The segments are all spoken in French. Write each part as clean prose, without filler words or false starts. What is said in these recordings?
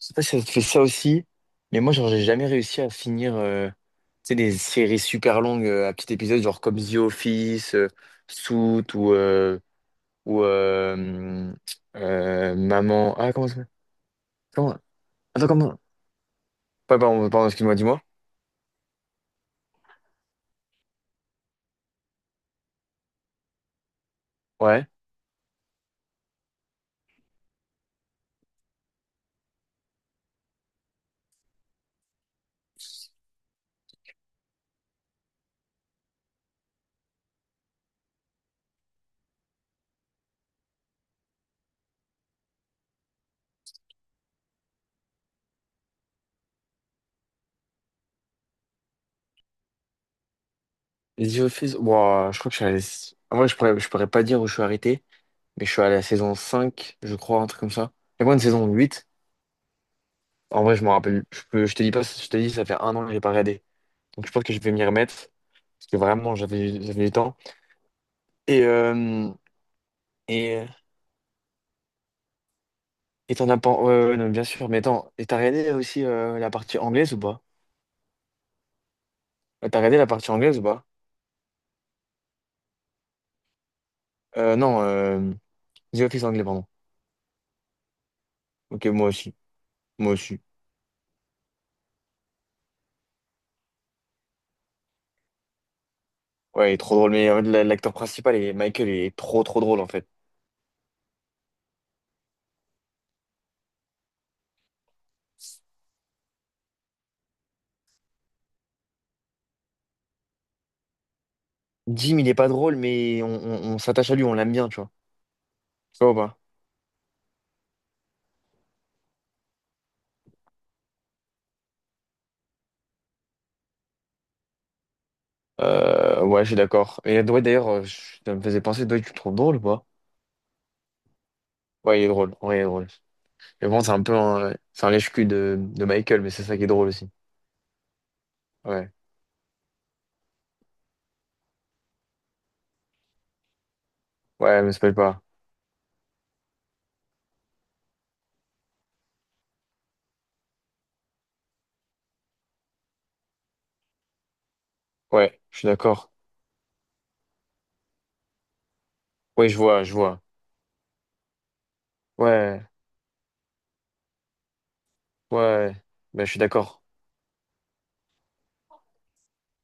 Je sais pas si ça te fait ça aussi, mais moi, genre, j'ai jamais réussi à finir tu sais, des séries super longues à petits épisodes, genre comme The Office, Suits ou, euh, ou Maman. Ah, comment ça s'appelle? Comment... Attends, comment? Ouais, pardon, pardon, excuse-moi, dis-moi. Ouais. The Office, ouah, je crois que je suis à la... En vrai, je pourrais pas dire où je suis arrêté, mais je suis allé à la saison 5 je crois, un truc comme ça. Il y a moi une saison huit. En vrai, je m'en rappelle. Je peux, je te dis pas, je te dis, ça fait un an que j'ai pas regardé. Donc je pense que je vais m'y remettre parce que vraiment j'avais du temps. Et euh, et et t'en as pas ouais, ouais, ouais, non, bien sûr. Mais attends, et t'as regardé aussi la partie anglaise ou pas? T'as regardé la partie anglaise ou pas? Non, The Office anglais pardon. Ok, moi aussi, moi aussi. Ouais, il est trop drôle. Mais l'acteur principal, est Michael, il est trop trop drôle en fait. Jim, il est pas drôle, mais on s'attache à lui, on l'aime bien, tu vois. Tu vois ou pas? Ouais, je suis d'accord. Et Dwight, d'ailleurs, ça me faisait penser, Dwight, tu le trouves drôle ou pas? Ouais, il est drôle. Ouais, il est drôle. Mais bon, c'est un peu un, c'est un lèche-cul de Michael, mais c'est ça qui est drôle aussi. Ouais. Ouais, mais ça s'appelle pas. Ouais, je suis d'accord. Ouais, je vois, je vois. Ouais, ouais. Ben, je suis d'accord.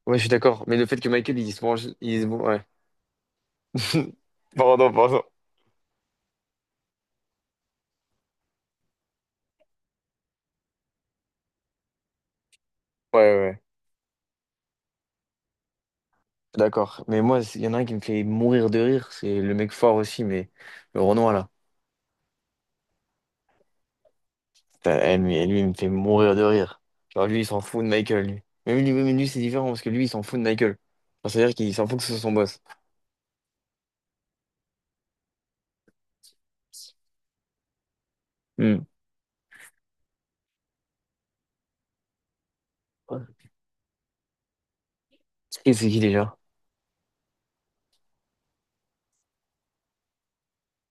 Ouais, je suis d'accord. Mais le fait que Michael, il se mange, il se... Ouais. Pardon, pardon. Ouais, ouais, ouais. D'accord. Mais moi, il y en a un qui me fait mourir de rire. C'est le mec fort aussi, mais le Renoir, là. Putain, eh, mais lui, il me fait mourir de rire. Genre, lui, il s'en fout de Michael, lui. Mais lui, mais lui, c'est différent parce que lui, il s'en fout de Michael. Enfin, c'est-à-dire qu'il s'en fout que ce soit son boss. Hmm. C'est qui déjà?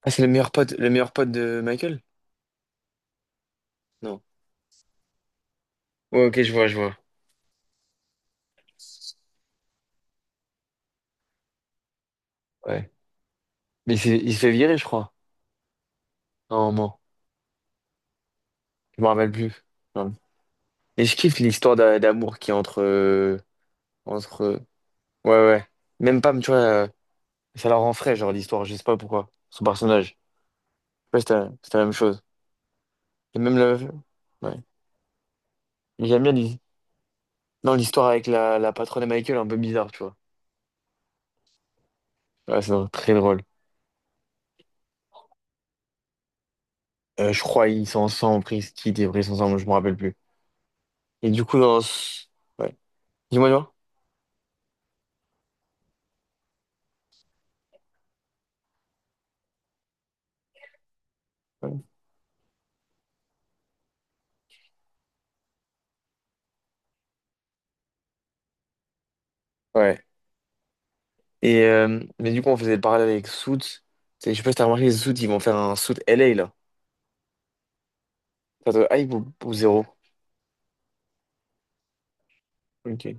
Ah, c'est le meilleur pote de Michael? Non. Ouais, ok, je vois, je vois. Ouais. Mais il s'est fait virer, je crois, à un moment. Je me rappelle plus. Non. Et je kiffe l'histoire d'amour qui est entre. Entre. euh, Ouais, ouais. Même Pam, tu vois, ça la rend frais, genre, l'histoire, je sais pas pourquoi. Son personnage. Ouais sais pas si c'est la même chose. Et même la. Ouais. Et j'aime bien non, l'histoire avec la patronne de Michael, un peu bizarre, tu vois. Ouais, c'est très drôle. Je crois ils sont ensemble, après ils se quittent et après ils sont ensemble, je me rappelle plus. Et du coup, Ouais. Dis-moi, dis-moi. Ouais. Ouais. Et, mais du coup, on faisait le parallèle avec Suits. Je sais pas si t'as remarqué, les Suits, ils vont faire un Suits LA, là. Ça te hype ou zéro? Ok.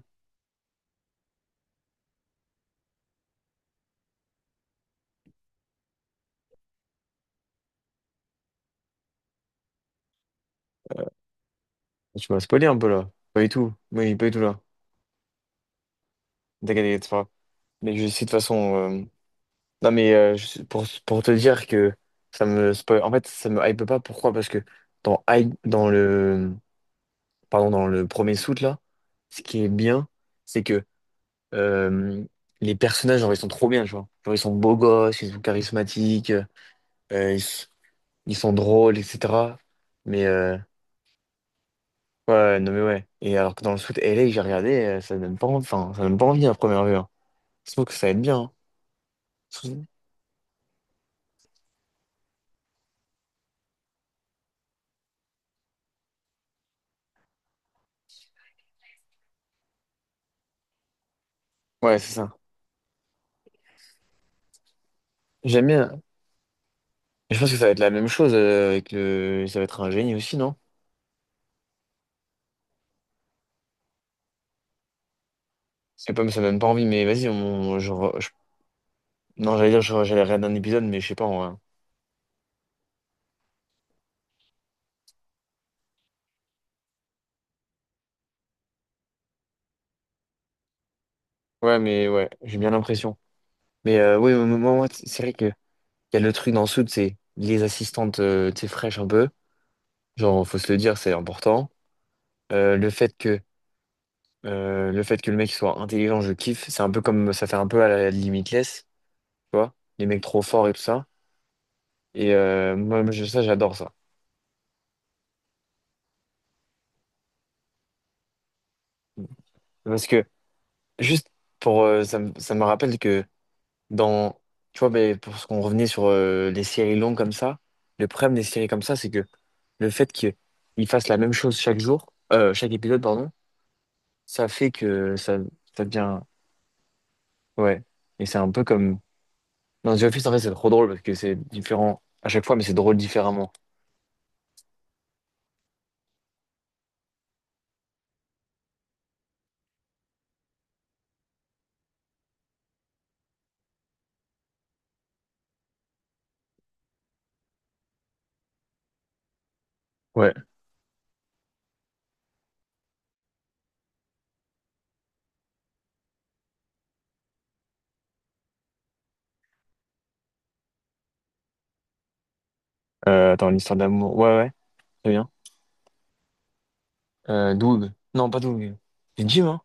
Tu m'as spoilé un peu, là. Pas du tout. Oui, pas du tout, là. T'inquiète, t'inquiète, c'est pas grave. Mais je sais de toute façon... Non, mais pour te dire que ça me spoil... En fait, ça me hype pas. Pourquoi? Parce que dans le... Pardon, dans le premier Suits, là, ce qui est bien, c'est que... euh, les personnages, genre, ils sont trop bien, tu vois. Genre, ils sont beaux gosses, ils sont charismatiques. Euh, ils, s- ils sont drôles, etc. Mais ouais, ouais, non mais ouais. Et alors que dans le foot LA, que j'ai regardé, ça donne pas envie, enfin, ça donne pas envie à première vue. Hein. Je trouve que ça va être bien, hein. Surtout- Ouais, c'est ça. J'aime bien. Et je pense que ça va être la même chose avec le. Ça va être un génie aussi, non? C'est pas, ça donne pas envie, mais vas-y, on... Non, j'allais dire, j'allais regarder un épisode, mais je sais pas, en vrai. Ouais, mais ouais, j'ai bien l'impression. Mais oui, moi, moi, moi, c'est vrai que il y a le truc dans le foot, c'est les assistantes, tu sais, fraîches un peu. Genre, faut se le dire, c'est important. Euh, le fait que le fait que le mec soit intelligent, je kiffe. C'est un peu comme ça fait un peu à la Limitless, tu vois, les mecs trop forts et tout ça. Ça, j'adore ça. Parce que juste pour ça me rappelle que dans tu vois, ben, pour ce qu'on revenait sur les séries longues comme ça, le problème des séries comme ça, c'est que le fait qu'ils fassent la même chose chaque jour, chaque épisode, pardon, ça fait que ça devient ouais. Et c'est un peu comme dans The Office, en fait, c'est trop drôle parce que c'est différent à chaque fois, mais c'est drôle différemment. Ouais. Attends, une histoire d'amour. Ouais, ouais, très bien. Doug. Non, pas Doug. C'est Jim, hein?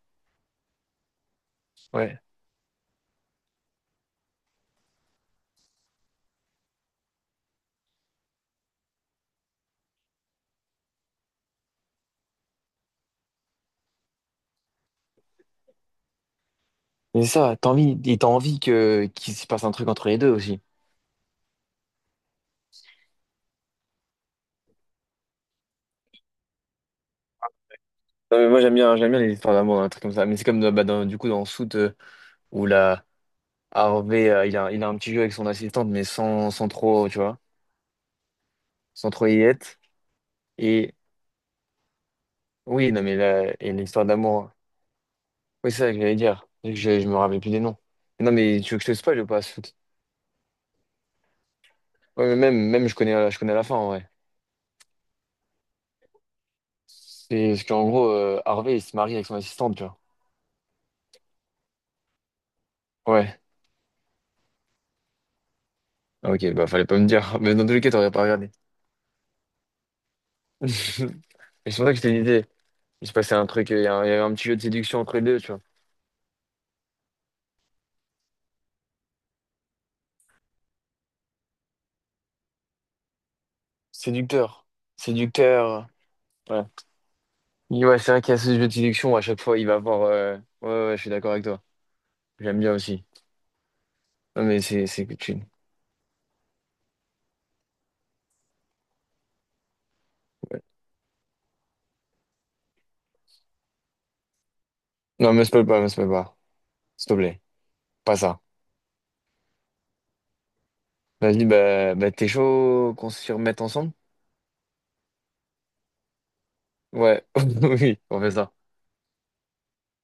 Ouais. C'est ça, t'as envie, et t'as envie que qu'il se passe un truc entre les deux aussi. Non, mais moi, j'aime bien les histoires d'amour, un truc comme ça. Mais c'est comme bah, du coup dans Soot où la Harvey, il a un petit jeu avec son assistante, mais sans trop, tu vois, sans trop y être. Et oui, non, mais et l'histoire d'amour. Oui, c'est ça que j'allais dire. Je me rappelle plus des noms. Non, mais tu veux que je te spoil ou pas, Soot Ouais, mais même je connais la fin, ouais. C'est parce qu'en gros, Harvey, il se marie avec son assistante, tu vois. Ouais. Ah, Ok, bah fallait pas me dire. Mais dans tous les cas, t'aurais pas regardé. Mais c'est pour ça que je t'ai dit, il se passait un truc, il y avait un petit jeu de séduction entre les deux, tu vois. Séducteur. Séducteur. Ouais. Il Ouais, c'est vrai qu'il y a ce jeu de séduction où à chaque fois, il va avoir. Ouais, ouais, je suis d'accord avec toi. J'aime bien aussi. Non, mais c'est que tu. Ouais. Non, me spoil pas, me spoil pas. S'il te plaît. Pas ça. Vas-y, bah t'es chaud qu'on se remette ensemble? Ouais. Oui, on fait ça.